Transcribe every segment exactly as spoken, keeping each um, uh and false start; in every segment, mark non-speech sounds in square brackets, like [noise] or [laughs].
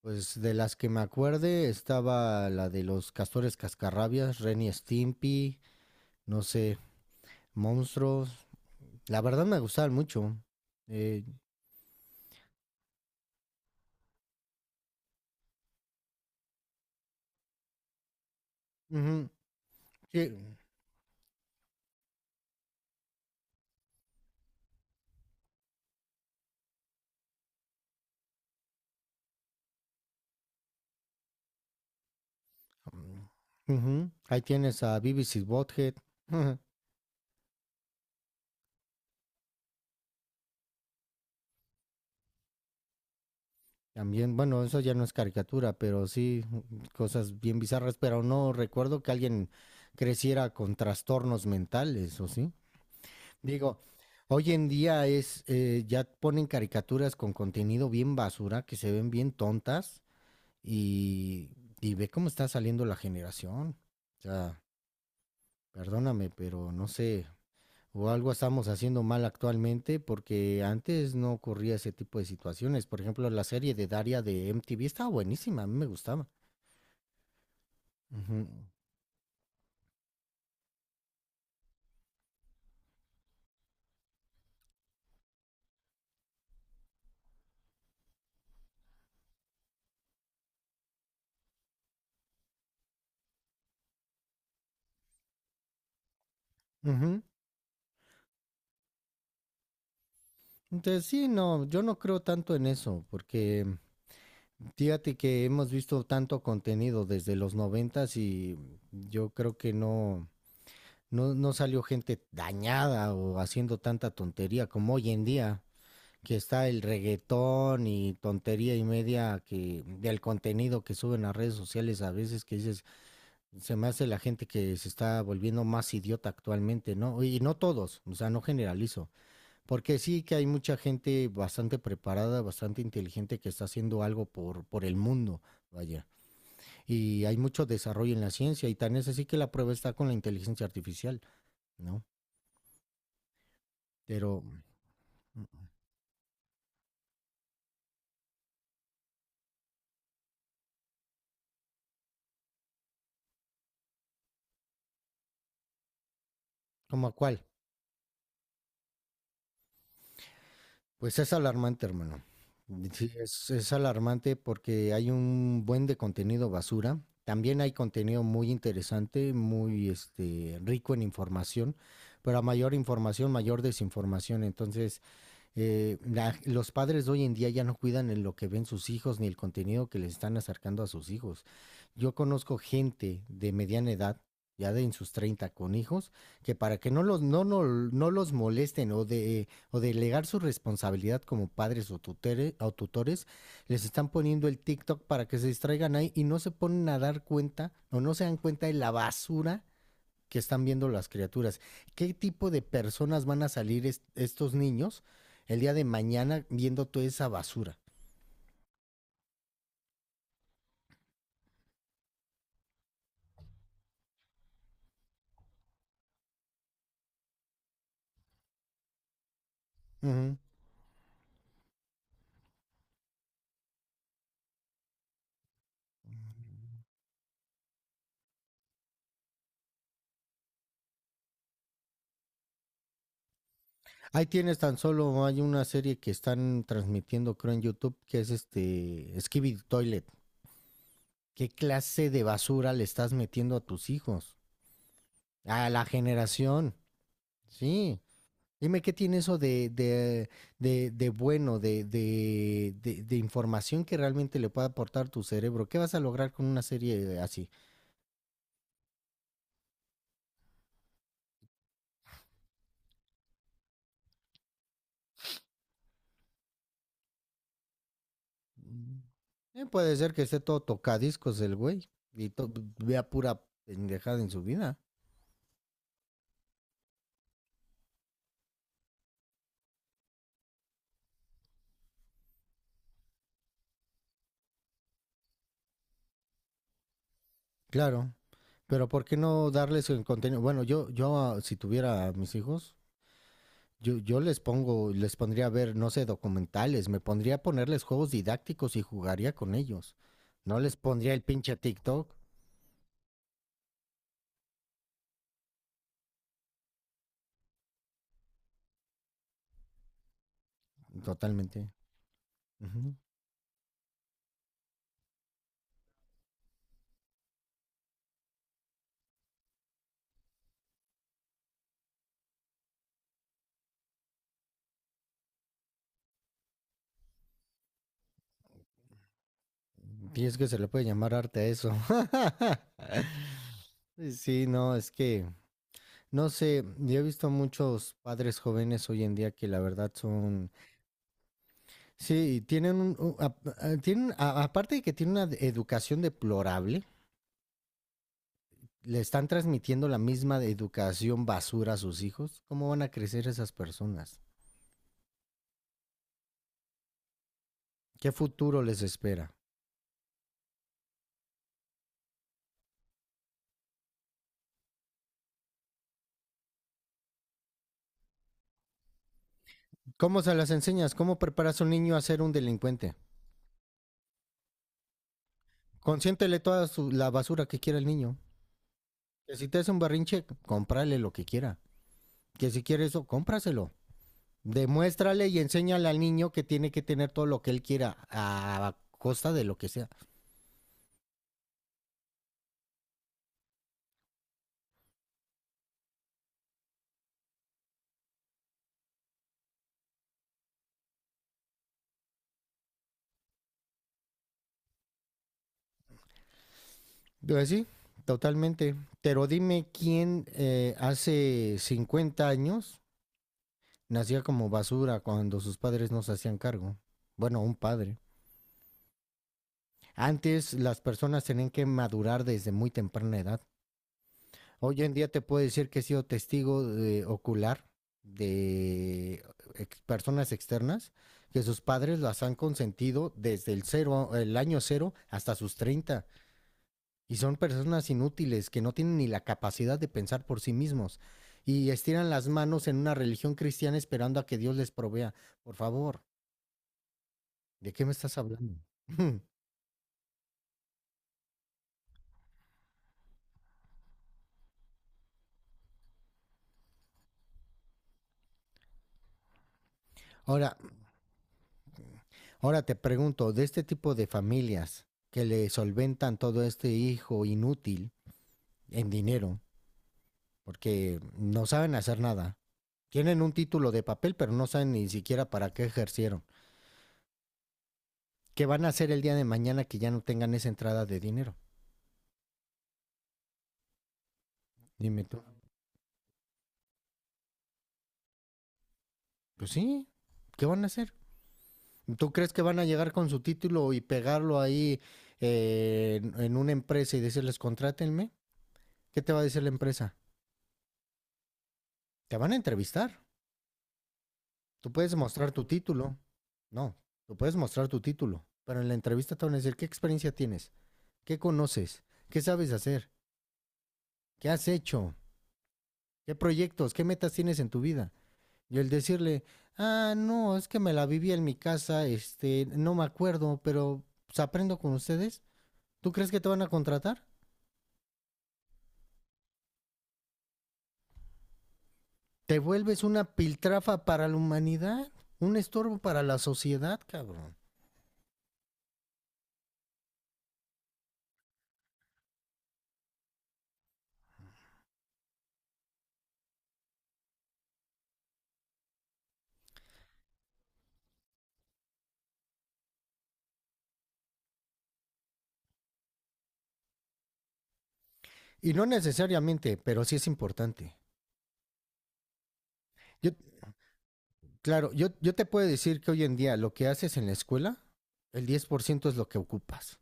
Pues de las que me acuerde estaba la de los castores cascarrabias, Ren y Stimpy, no sé, monstruos. La verdad me gustaban mucho. Eh, ujú, sí, mm, ujú. Ahí tienes a Beavis y Butthead. [laughs] También, bueno, eso ya no es caricatura, pero sí mm, cosas bien bizarras, pero no recuerdo que alguien creciera con trastornos mentales, ¿o sí? Digo, hoy en día es, eh, ya ponen caricaturas con contenido bien basura, que se ven bien tontas y, y ve cómo está saliendo la generación. O sea, perdóname, pero no sé, o algo estamos haciendo mal actualmente porque antes no ocurría ese tipo de situaciones. Por ejemplo, la serie de Daria de M T V estaba buenísima, a mí me gustaba. Ujú, ujú. Entonces, sí, no, yo no creo tanto en eso porque fíjate que hemos visto tanto contenido desde los noventas y yo creo que no, no, no salió gente dañada o haciendo tanta tontería como hoy en día, que está el reggaetón y tontería y media que del contenido que suben a redes sociales a veces que dices, se me hace la gente que se está volviendo más idiota actualmente, ¿no? Y no todos, o sea, no generalizo, porque sí que hay mucha gente bastante preparada, bastante inteligente que está haciendo algo por, por el mundo, vaya. Y hay mucho desarrollo en la ciencia y tan es así que la prueba está con la inteligencia artificial, ¿no? Pero, ¿cómo a cuál? Pues es alarmante, hermano. Sí, es, es alarmante porque hay un buen de contenido basura. También hay contenido muy interesante, muy este, rico en información, pero a mayor información, mayor desinformación. Entonces, eh, la- los padres de hoy en día ya no cuidan en lo que ven sus hijos ni el contenido que les están acercando a sus hijos. Yo conozco gente de mediana edad, ya de en sus treinta, con hijos, que para que no los, no, no, no los molesten o, de, o delegar su responsabilidad como padres o, tutere- o tutores, les están poniendo el TikTok para que se distraigan ahí y no se ponen a dar cuenta o no se dan cuenta de la basura que están viendo las criaturas. ¿Qué tipo de personas van a salir est- estos niños el día de mañana viendo toda esa basura? Ujú. Ahí tienes tan solo, hay una serie que están transmitiendo, creo, en YouTube, que es este Skibidi Toilet. ¿Qué clase de basura le estás metiendo a tus hijos? A la generación, sí. Dime qué tiene eso de, de, de, de bueno, de, de, de, de información que realmente le pueda aportar tu cerebro. ¿Qué vas a lograr con una serie así? Mm. Eh, puede ser que esté todo tocadiscos el güey y to- vea pura pendejada en su vida. Claro. Pero ¿por qué no darles el contenido? Bueno, yo, yo ah, si tuviera a mis hijos, yo, yo les pongo, les pondría a ver, no sé, documentales, me pondría a ponerles juegos didácticos y jugaría con ellos. No les pondría el pinche TikTok. Totalmente. Ujú. Y es que se le puede llamar arte a eso. [laughs] Sí, no, es que no sé, yo he visto muchos padres jóvenes hoy en día que la verdad son, sí, tienen, un- un- a- a- tienen a- aparte de que tienen una de- educación deplorable, le están transmitiendo la misma de educación basura a sus hijos. ¿Cómo van a crecer esas personas? ¿Qué futuro les espera? ¿Cómo se las enseñas? ¿Cómo preparas a un niño a ser un delincuente? Consiéntele toda su- la basura que quiera el niño. Que si te hace un barrinche, cómprale lo que quiera. Que si quiere eso, cómpraselo. Demuéstrale y enséñale al niño que tiene que tener todo lo que él quiera a costa de lo que sea. Pues sí, totalmente. Pero dime quién eh, hace cincuenta años nacía como basura cuando sus padres no se hacían cargo. Bueno, un padre. Antes las personas tenían que madurar desde muy temprana edad. Hoy en día te puedo decir que he sido testigo de, ocular de ex- personas externas que sus padres las han consentido desde el cero, el año cero hasta sus treinta y son personas inútiles que no tienen ni la capacidad de pensar por sí mismos y estiran las manos en una religión cristiana esperando a que Dios les provea. Por favor, ¿de qué me estás hablando? [laughs] Ahora, ahora te pregunto, de este tipo de familias que le solventan todo este hijo inútil, en dinero, porque no saben hacer nada. Tienen un título de papel, pero no saben ni siquiera para qué ejercieron. ¿Qué van a hacer el día de mañana que ya no tengan esa entrada de dinero? Dime tú. Pues sí, ¿qué van a hacer? ¿Tú crees que van a llegar con su título y pegarlo ahí eh, en, una empresa y decirles contrátenme? ¿Qué te va a decir la empresa? Te van a entrevistar. Tú puedes mostrar tu título. No, tú puedes mostrar tu título. Pero en la entrevista te van a decir qué experiencia tienes, qué conoces, qué sabes hacer. ¿Qué has hecho? ¿Qué proyectos? ¿Qué metas tienes en tu vida? Y el decirle, ah, no, es que me la viví en mi casa, este, no me acuerdo, pero pues, aprendo con ustedes. ¿Tú crees que te van a contratar? Te vuelves una piltrafa para la humanidad, un estorbo para la sociedad, cabrón. Y no necesariamente, pero sí es importante. Yo, claro, yo, yo te puedo decir que hoy en día lo que haces en la escuela, el diez por ciento es lo que ocupas.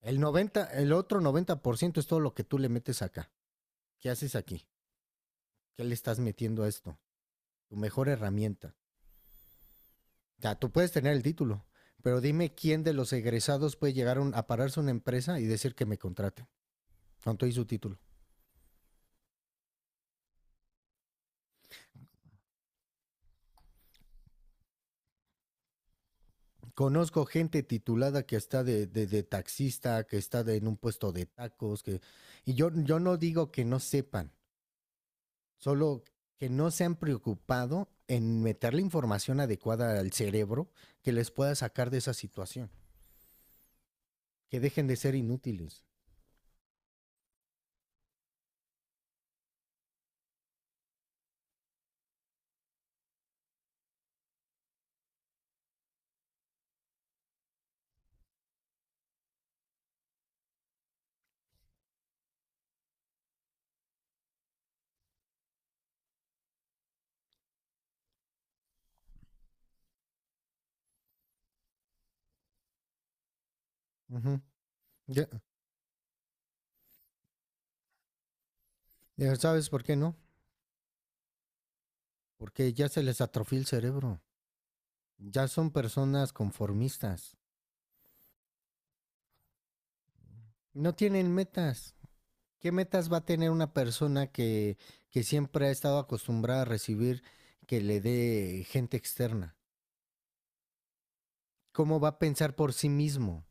El noventa, el otro noventa por ciento es todo lo que tú le metes acá. ¿Qué haces aquí? ¿Qué le estás metiendo a esto? Tu mejor herramienta. O sea, tú puedes tener el título, pero dime quién de los egresados puede llegar a pararse a una empresa y decir que me contraten. ¿Cuánto hizo su título? Conozco gente titulada que está de, de- de taxista, que está de- en un puesto de tacos, que... Y yo, yo no digo que no sepan, solo que no se han preocupado en meter la información adecuada al cerebro que les pueda sacar de esa situación, que dejen de ser inútiles. Ujú. Ya, Ya ¿sabes por qué no? Porque ya se les atrofió el cerebro. Ya son personas conformistas. No tienen metas. ¿Qué metas va a tener una persona que, que siempre ha estado acostumbrada a recibir que le dé gente externa? ¿Cómo va a pensar por sí mismo?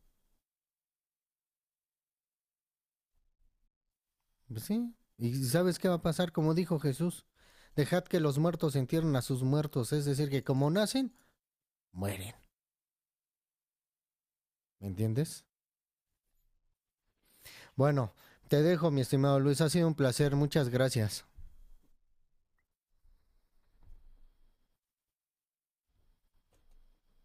Pues sí. ¿Y sabes qué va a pasar? Como dijo Jesús, dejad que los muertos entierren a sus muertos. Es decir, que como nacen, mueren. ¿Me entiendes? Bueno, te dejo, mi estimado Luis. Ha sido un placer. Muchas gracias.